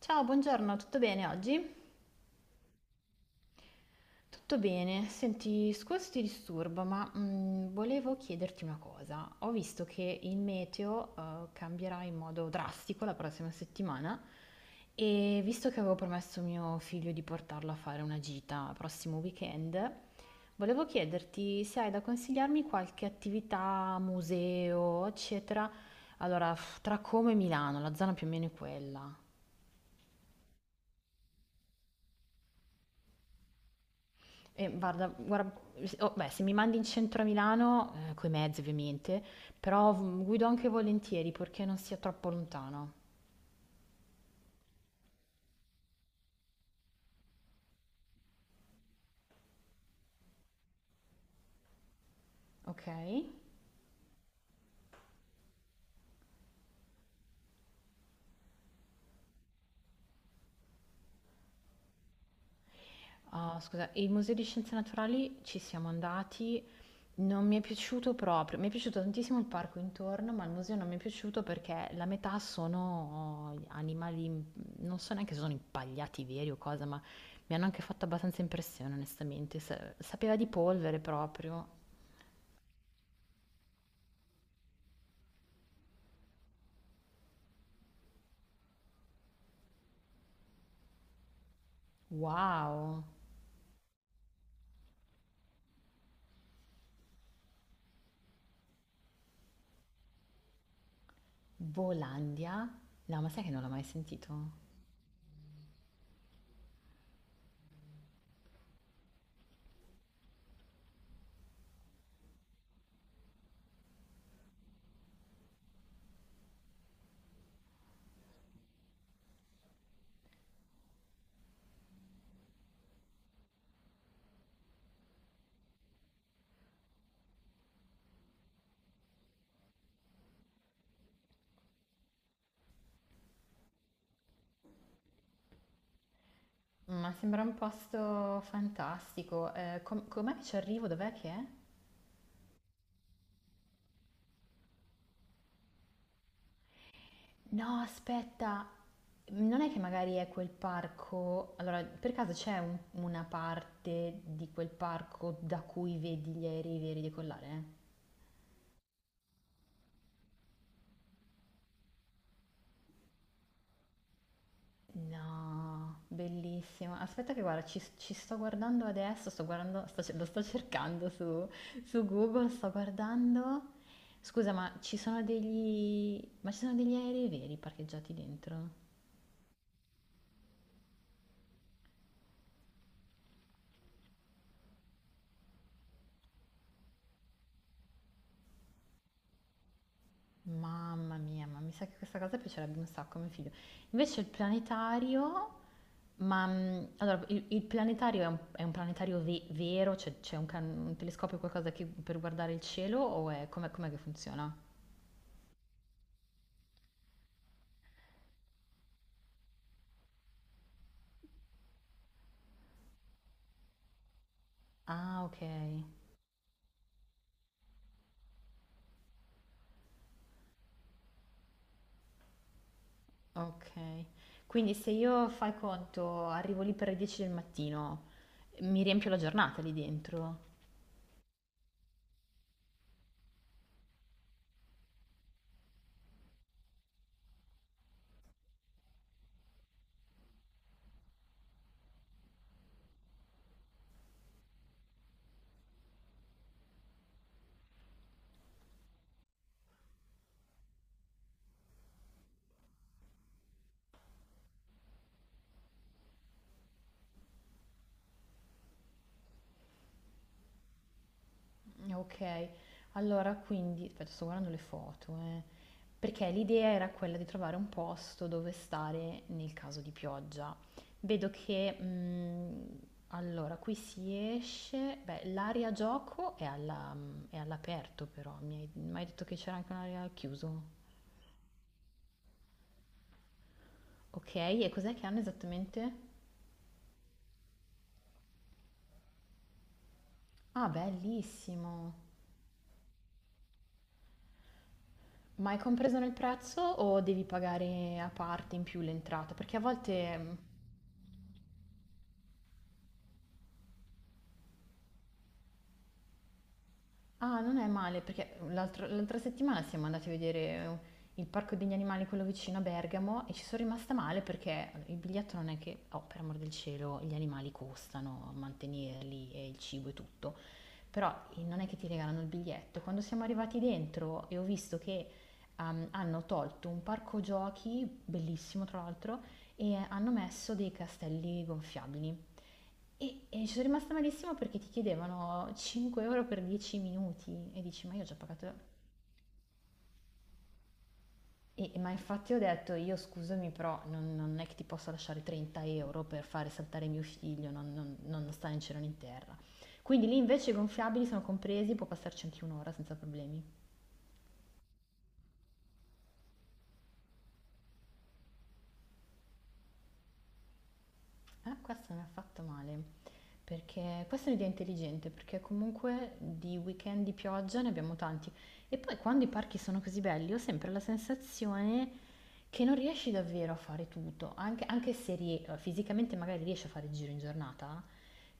Ciao, buongiorno, tutto bene oggi? Tutto bene. Senti, scusa se ti disturbo, volevo chiederti una cosa. Ho visto che il meteo cambierà in modo drastico la prossima settimana, e visto che avevo promesso a mio figlio di portarlo a fare una gita prossimo weekend, volevo chiederti se hai da consigliarmi qualche attività, museo, eccetera. Allora, tra Como e Milano, la zona più o meno è quella. Guarda, oh, beh, se mi mandi in centro a Milano, coi mezzi ovviamente, però guido anche volentieri perché non sia troppo lontano, ok? Ah, scusa, il Museo di Scienze Naturali ci siamo andati, non mi è piaciuto proprio, mi è piaciuto tantissimo il parco intorno, ma il museo non mi è piaciuto perché la metà sono animali, non so neanche se sono impagliati veri o cosa, ma mi hanno anche fatto abbastanza impressione, onestamente. Sapeva di polvere proprio. Wow! Volandia? No, ma sai che non l'ho mai sentito? Ma sembra un posto fantastico. Com'è che ci arrivo? Dov'è che è? No, aspetta, non è che magari è quel parco. Allora, per caso c'è una parte di quel parco da cui vedi gli aerei veri decollare? No, bellissimo. Aspetta che guarda, ci sto guardando adesso, sto guardando, lo sto cercando su, su Google, sto guardando. Scusa, ma ci sono degli aerei veri parcheggiati dentro? Mamma mia, ma mi sa che questa cosa piacerebbe un sacco a mio figlio. Invece il planetario, il planetario è un planetario vero? Cioè c'è un, un telescopio, per guardare il cielo o è, com'è che funziona? Ah, ok. Okay. Quindi se io, fai conto, arrivo lì per le 10 del mattino, mi riempio la giornata lì dentro. Okay. Allora quindi aspetta, sto guardando le foto, eh. Perché l'idea era quella di trovare un posto dove stare nel caso di pioggia. Vedo che, allora qui si esce, beh l'area gioco è alla è all'aperto, però mi hai m'hai detto che c'era anche un'area al chiuso. Okay, e cos'è che hanno esattamente? Ah, bellissimo. Ma è compreso nel prezzo o devi pagare a parte in più l'entrata? Perché a volte... Ah, non è male, perché l'altra settimana siamo andati a vedere il Parco degli Animali, quello vicino a Bergamo, e ci sono rimasta male perché il biglietto non è che, oh, per amor del cielo, gli animali costano mantenerli e il cibo e tutto. Però non è che ti regalano il biglietto. Quando siamo arrivati dentro e ho visto che hanno tolto un parco giochi, bellissimo tra l'altro, e hanno messo dei castelli gonfiabili. E ci sono rimasta malissimo perché ti chiedevano 5€ per 10 minuti e dici ma io ho già pagato... E, ma infatti ho detto io scusami però non, non è che ti posso lasciare 30€ per fare saltare mio figlio, non, non, non sta né in cielo né in terra. Quindi lì invece i gonfiabili sono compresi, può passarci anche un'ora senza problemi. Ah, questo mi ha fatto male, perché questa è un'idea intelligente, perché comunque di weekend di pioggia ne abbiamo tanti. E poi quando i parchi sono così belli, ho sempre la sensazione che non riesci davvero a fare tutto, anche, anche se fisicamente magari riesci a fare il giro in giornata,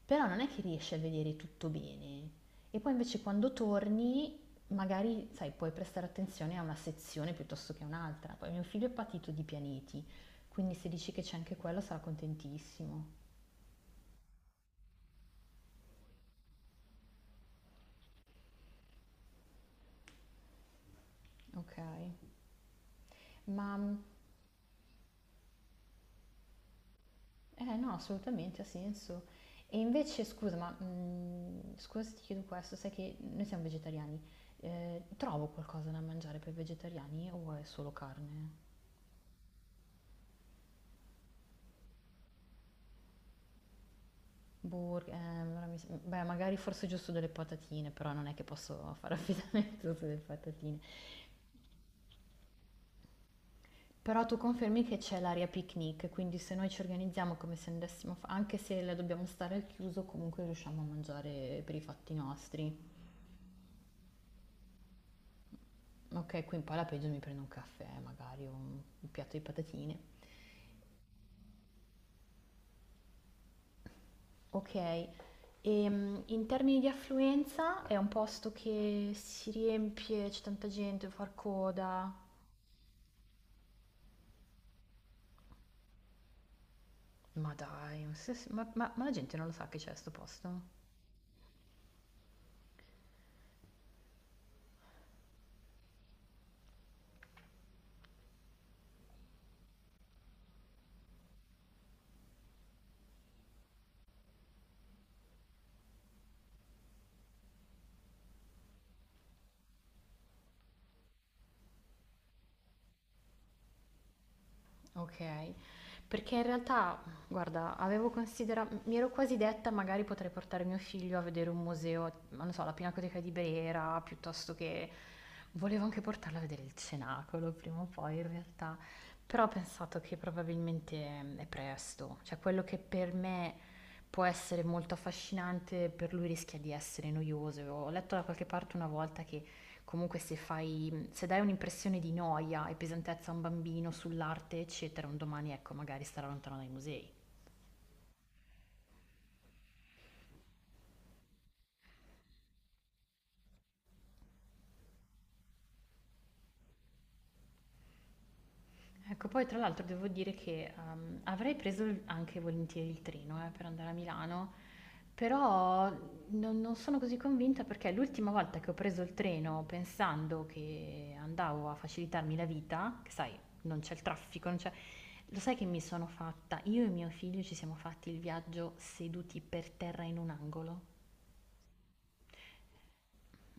però non è che riesci a vedere tutto bene. E poi invece quando torni, magari, sai, puoi prestare attenzione a una sezione piuttosto che a un'altra. Poi mio figlio è patito di pianeti, quindi se dici che c'è anche quello sarà contentissimo. Ok, ma no, assolutamente ha senso. E invece, scusa, scusa se ti chiedo questo, sai che noi siamo vegetariani. Trovo qualcosa da mangiare per vegetariani o è solo carne? Burger, ora beh, magari forse giusto delle patatine, però non è che posso fare affidamento sulle patatine. Però tu confermi che c'è l'area picnic, quindi se noi ci organizziamo come se andassimo, anche se la dobbiamo stare al chiuso, comunque riusciamo a mangiare per i fatti nostri. Ok, qui in poi alla peggio mi prendo un caffè, magari o un piatto di patatine. Ok, in termini di affluenza è un posto che si riempie, c'è tanta gente, far coda. Ma dai, ma la gente non lo sa che c'è sto posto? Okay. Perché in realtà, guarda, avevo considera mi ero quasi detta: "Magari potrei portare mio figlio a vedere un museo", ma non lo so, la Pinacoteca di Brera, piuttosto che volevo anche portarlo a vedere il Cenacolo prima o poi in realtà, però ho pensato che probabilmente è presto, cioè quello che per me può essere molto affascinante, per lui rischia di essere noioso. Ho letto da qualche parte una volta che comunque se fai, se dai un'impressione di noia e pesantezza a un bambino sull'arte, eccetera, un domani ecco, magari starà lontano dai musei. Ecco, poi tra l'altro devo dire che avrei preso anche volentieri il treno per andare a Milano, però non, non sono così convinta perché l'ultima volta che ho preso il treno pensando che andavo a facilitarmi la vita, che sai, non c'è il traffico, non c'è... Lo sai che mi sono fatta? Io e mio figlio ci siamo fatti il viaggio seduti per terra in un angolo.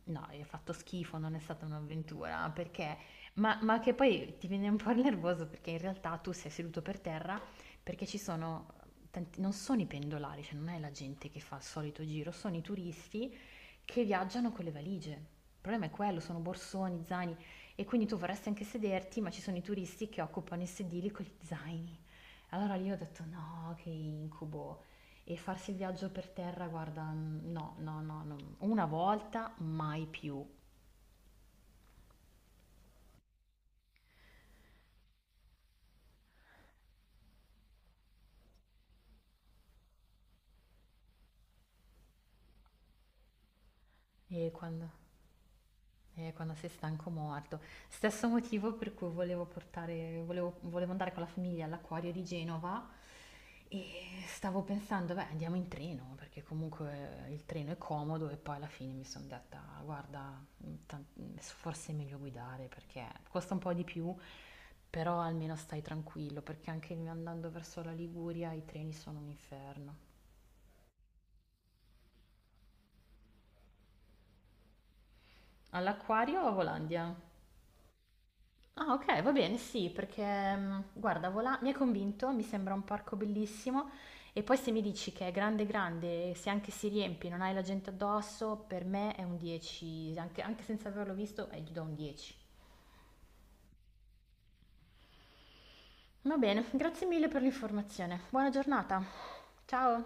No, hai fatto schifo, non è stata un'avventura, perché ma che poi ti viene un po' il nervoso perché in realtà tu sei seduto per terra perché ci sono tanti, non sono i pendolari, cioè non è la gente che fa il solito giro, sono i turisti che viaggiano con le valigie. Il problema è quello, sono borsoni, zaini, e quindi tu vorresti anche sederti, ma ci sono i turisti che occupano i sedili con gli zaini. Allora lì ho detto no, che incubo. E farsi il viaggio per terra, guarda, no, no, no, no. Una volta, mai più. E quando? Quando sei stanco morto. Stesso motivo per cui volevo andare con la famiglia all'acquario di Genova, e stavo pensando, beh, andiamo in treno, perché comunque il treno è comodo e poi alla fine mi sono detta, guarda, ta- forse è meglio guidare perché costa un po' di più, però almeno stai tranquillo, perché anche andando verso la Liguria i treni sono un inferno. All'acquario o a Volandia? Ah, ok, va bene, sì, perché guarda, Volà mi ha convinto, mi sembra un parco bellissimo, e poi se mi dici che è grande grande, e se anche si riempie, non hai la gente addosso, per me è un 10, anche, anche senza averlo visto, gli do un 10. Va bene, grazie mille per l'informazione. Buona giornata. Ciao.